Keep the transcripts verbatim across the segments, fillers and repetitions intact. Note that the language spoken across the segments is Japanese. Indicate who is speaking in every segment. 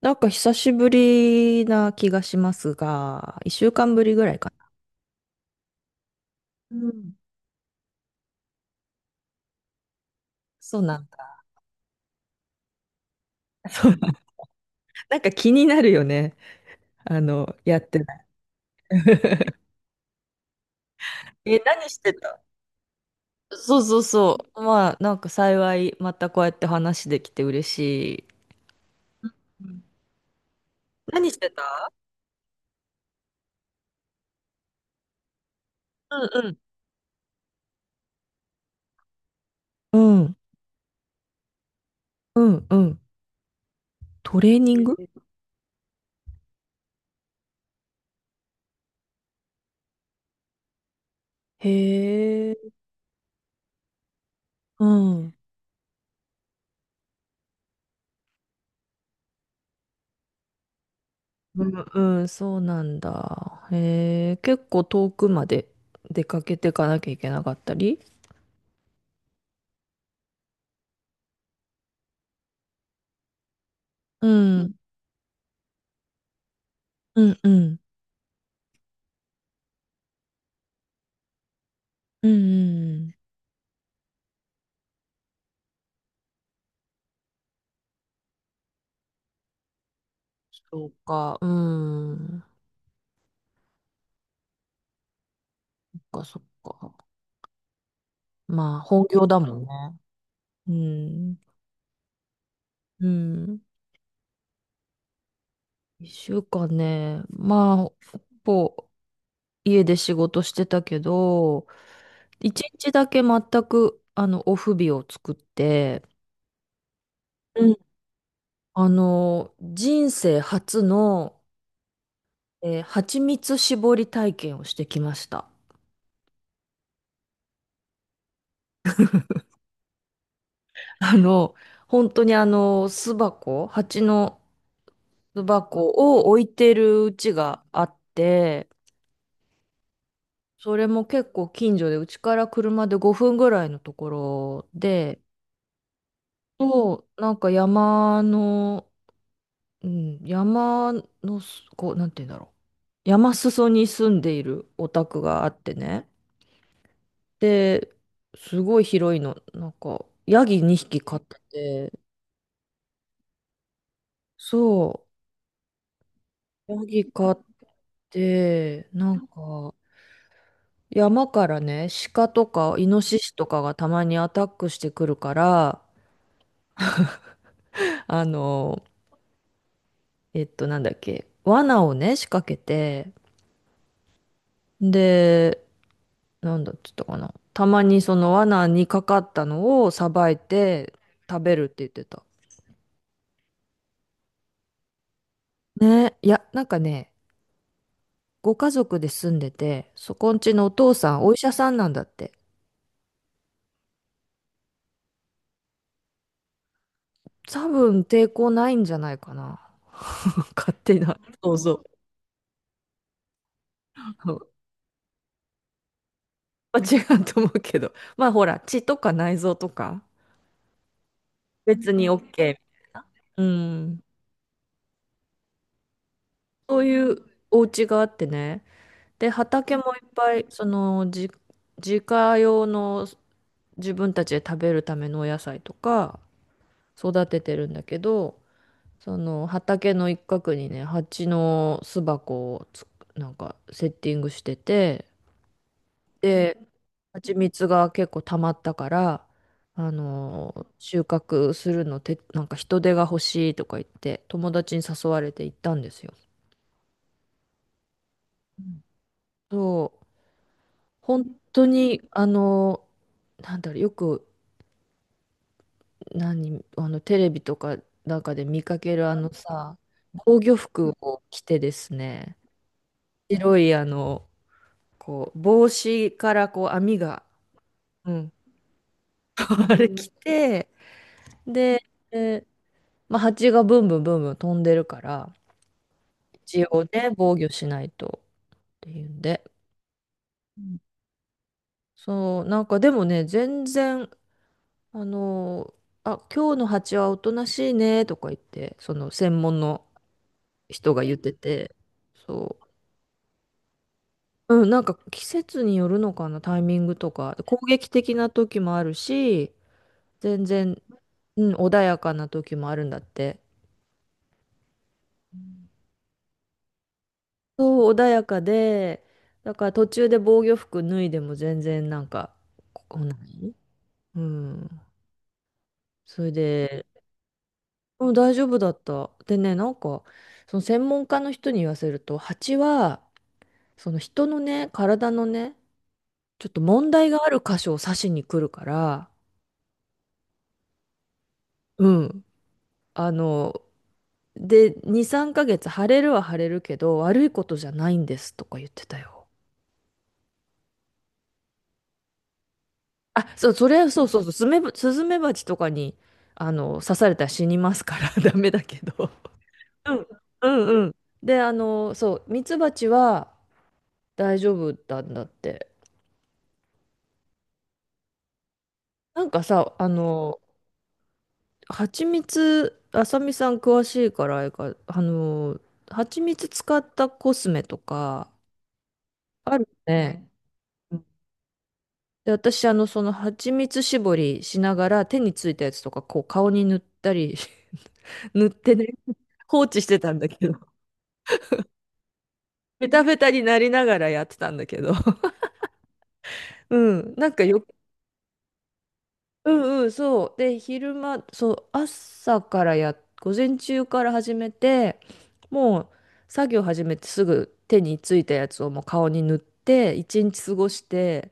Speaker 1: なんか久しぶりな気がしますが、一週間ぶりぐらいかな。うん。そうなんだ。そう。なんか気になるよね。あの、やってない。え、何してた？そうそうそう。まあ、なんか幸い、またこうやって話できて嬉しい。うん。何してた？うんうん。うんうんうん。トレーニング。へえ。うん。うんうん、そうなんだ。へえ、結構遠くまで出かけていかなきゃいけなかったり？うん、うん、うん、うん。そうか、うん。そっか、そっか。まあ、本業だもんね。うん。うん。一週間ね、まあ、ほぼ家で仕事してたけど、一日だけ全く、あの、オフ日を作って、うん。あの、人生初の、えー蜂蜜搾り体験をしてきました。あの、本当にあの、巣箱、蜂の巣箱を置いてるうちがあって、それも結構近所で、うちから車でごふんぐらいのところで、そう、なんか山の、うん、山のす、こう、なんて言うんだろう。山裾に住んでいるお宅があってね。で、すごい広いの。なんか、ヤギにひき飼ってて、そう、ヤギ飼って、なんか、山からね、鹿とかイノシシとかがたまにアタックしてくるから、あの、えっと、なんだっけ、罠をね、仕掛けて、で、なんだっつったかな。たまにその罠にかかったのをさばいて食べるって言ってた。ね、いや、なんかね、ご家族で住んでて、そこんちのお父さん、お医者さんなんだって。多分抵抗ないんじゃないかな。勝手な。そうそう。まあ違うと思うけど。まあほら、血とか内臓とか、別に OK みたいな。うん。そういうお家があってね。で、畑もいっぱい、その、自、自家用の自分たちで食べるためのお野菜とか育ててるんだけど、その畑の一角にね、蜂の巣箱をつ、なんかセッティングしてて、で、蜂蜜が結構溜まったから、あのー収穫するのて、なんか人手が欲しいとか言って、友達に誘われて行ったんですよ。そう、本当に、あのーなんだろう、よく、何、あの、テレビとかなんかで見かけるあのさ、防御服を着てですね、白い、あの、こう、帽子からこう、網が、うん、あれ着て、で、えまあ、蜂がブンブンブンブン飛んでるから、一応ね、防御しないとっていうんで。そう、なんかでもね、全然、あのーあ、今日の蜂はおとなしいねとか言って、その専門の人が言ってて、そう、うん、なんか季節によるのかな、タイミングとか、攻撃的な時もあるし、全然、うん、穏やかな時もあるんだって。そう、穏やかで、だから途中で防御服脱いでも全然なんか、こう、何。うん。それで、も、うん、大丈夫だった。でね、なんか、その専門家の人に言わせると、蜂は、その人のね、体のね、ちょっと問題がある箇所を刺しに来るから、うん。あの、で、に、さんかげつ腫れるは腫れるけど、悪いことじゃないんですとか言ってたよ。あ、そう、それはそうそうそう、スメバスズメバチとかに、あの、刺されたら死にますから ダメだけど。うんうんうん。で、あの、そう、ミツバチは、大丈夫だんだって。なんかさ、あの、蜂蜜、あさみさん詳しいからあれか、あの、蜂蜜使ったコスメとか、あるね。うん。で、私、あの、その蜂蜜絞りしながら手についたやつとか、こう、顔に塗ったり 塗ってね、放置してたんだけど、ベタベタになりながらやってたんだけど、うん、なんかよ。うんうん、そう。で、昼間、そう、朝からや、午前中から始めて、もう作業始めてすぐ手についたやつをもう顔に塗って、一日過ごして、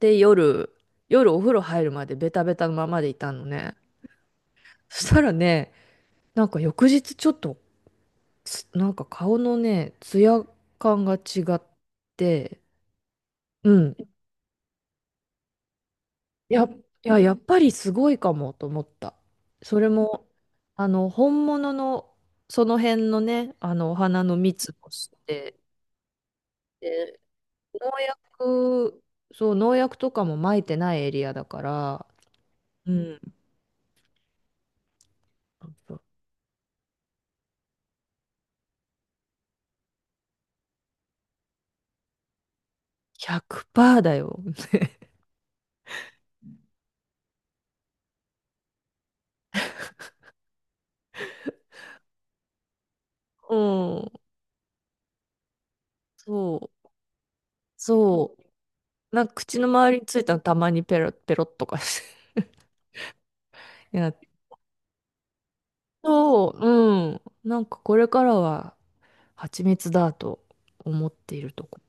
Speaker 1: で、夜、夜お風呂入るまでベタベタのままでいたのね。そしたらね、なんか翌日ちょっと、つなんか顔のね、ツヤ感が違って、うん、や、いや、やっぱりすごいかもと思った。それも、あの、本物の、その辺のね、あの、お花の蜜をして、で、農薬、そう、農薬とかも撒いてないエリアだから、うん、ひゃくパーセントだよ。うん、そう、そう。なんか口の周りについたのたまにペロッペロっとかして やっ、そう、うん。なんかこれからは蜂蜜だと思っているところ。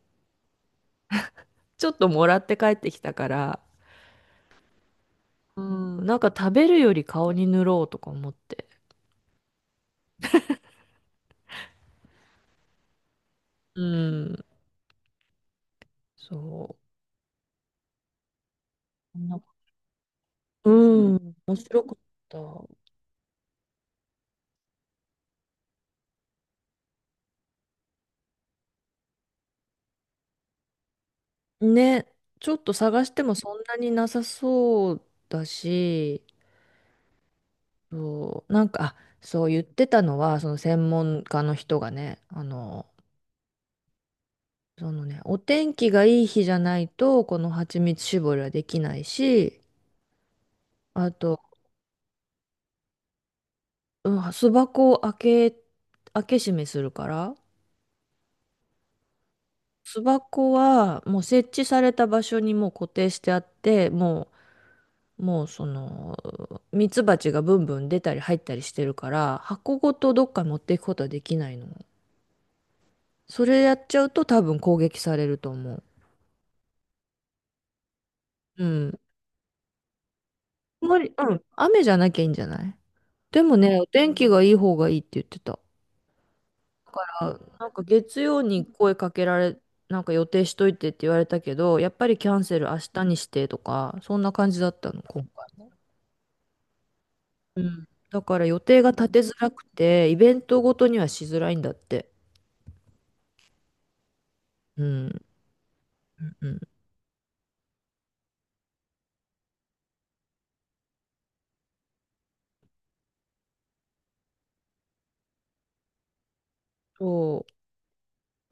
Speaker 1: ちょっともらって帰ってきたから、うん、なんか食べるより顔に塗ろうとか思って。うん、そう。なんか、うん、面白かった。ね、ちょっと探してもそんなになさそうだし、そう、なんか、あ、そう言ってたのは、その専門家の人がね、あの、そのね、お天気がいい日じゃないと、この蜂蜜絞りはできないし、あと、うん、巣箱を開け、開け閉めするから、巣箱はもう設置された場所にもう固定してあって、もう、もうその、ミツバチがブンブン出たり入ったりしてるから、箱ごとどっか持っていくことはできないの。それやっちゃうと多分攻撃されると思う。うん。あんまり、うん。雨じゃなきゃいいんじゃない？でもね、お天気がいい方がいいって言ってた。だから、なんか月曜に声かけられ、なんか予定しといてって言われたけど、やっぱりキャンセル明日にしてとか、そんな感じだったの、今回。うん。だから予定が立てづらくて、イベントごとにはしづらいんだって。うん。うん、そ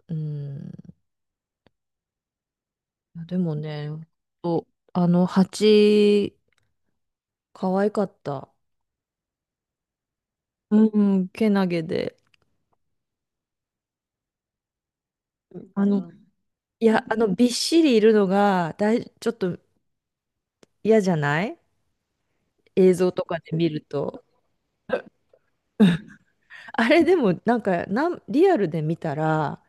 Speaker 1: う。うん。でもね、おあの蜂、可愛かった。うん、けなげで。あうの、ん。いや、あの、びっしりいるのが、だい、ちょっと嫌じゃない？映像とかで見ると。あれでも、なんか、なん、リアルで見たら、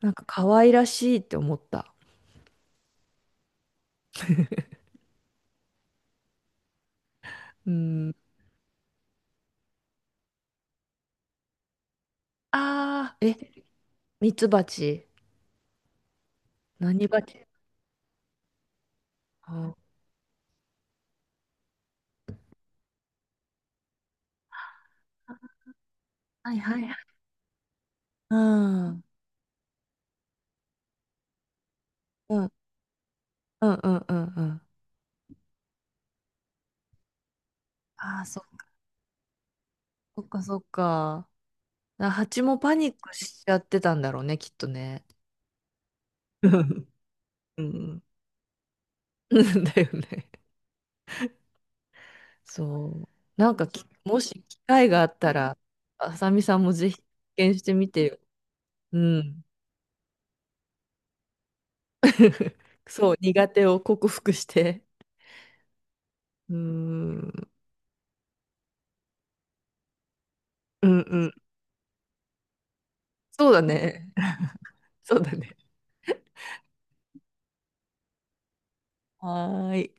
Speaker 1: なんか可愛らしいって思った。うん。ああ、え、ミツバチ。何バチ？あ、はいはいはい。うん、うん、うん、うん、うん、うん。ああ、そっか。そっか、そっか。あ、蜂もパニックしちゃってたんだろうね、きっとね。うんうん。うん、だよね。そう。なんかき、もし機会があったら、あさみさんもぜひ実験してみてよ。うん。そう、苦手を克服して。うーん。うんうん。そうだね。そうだね。はーい。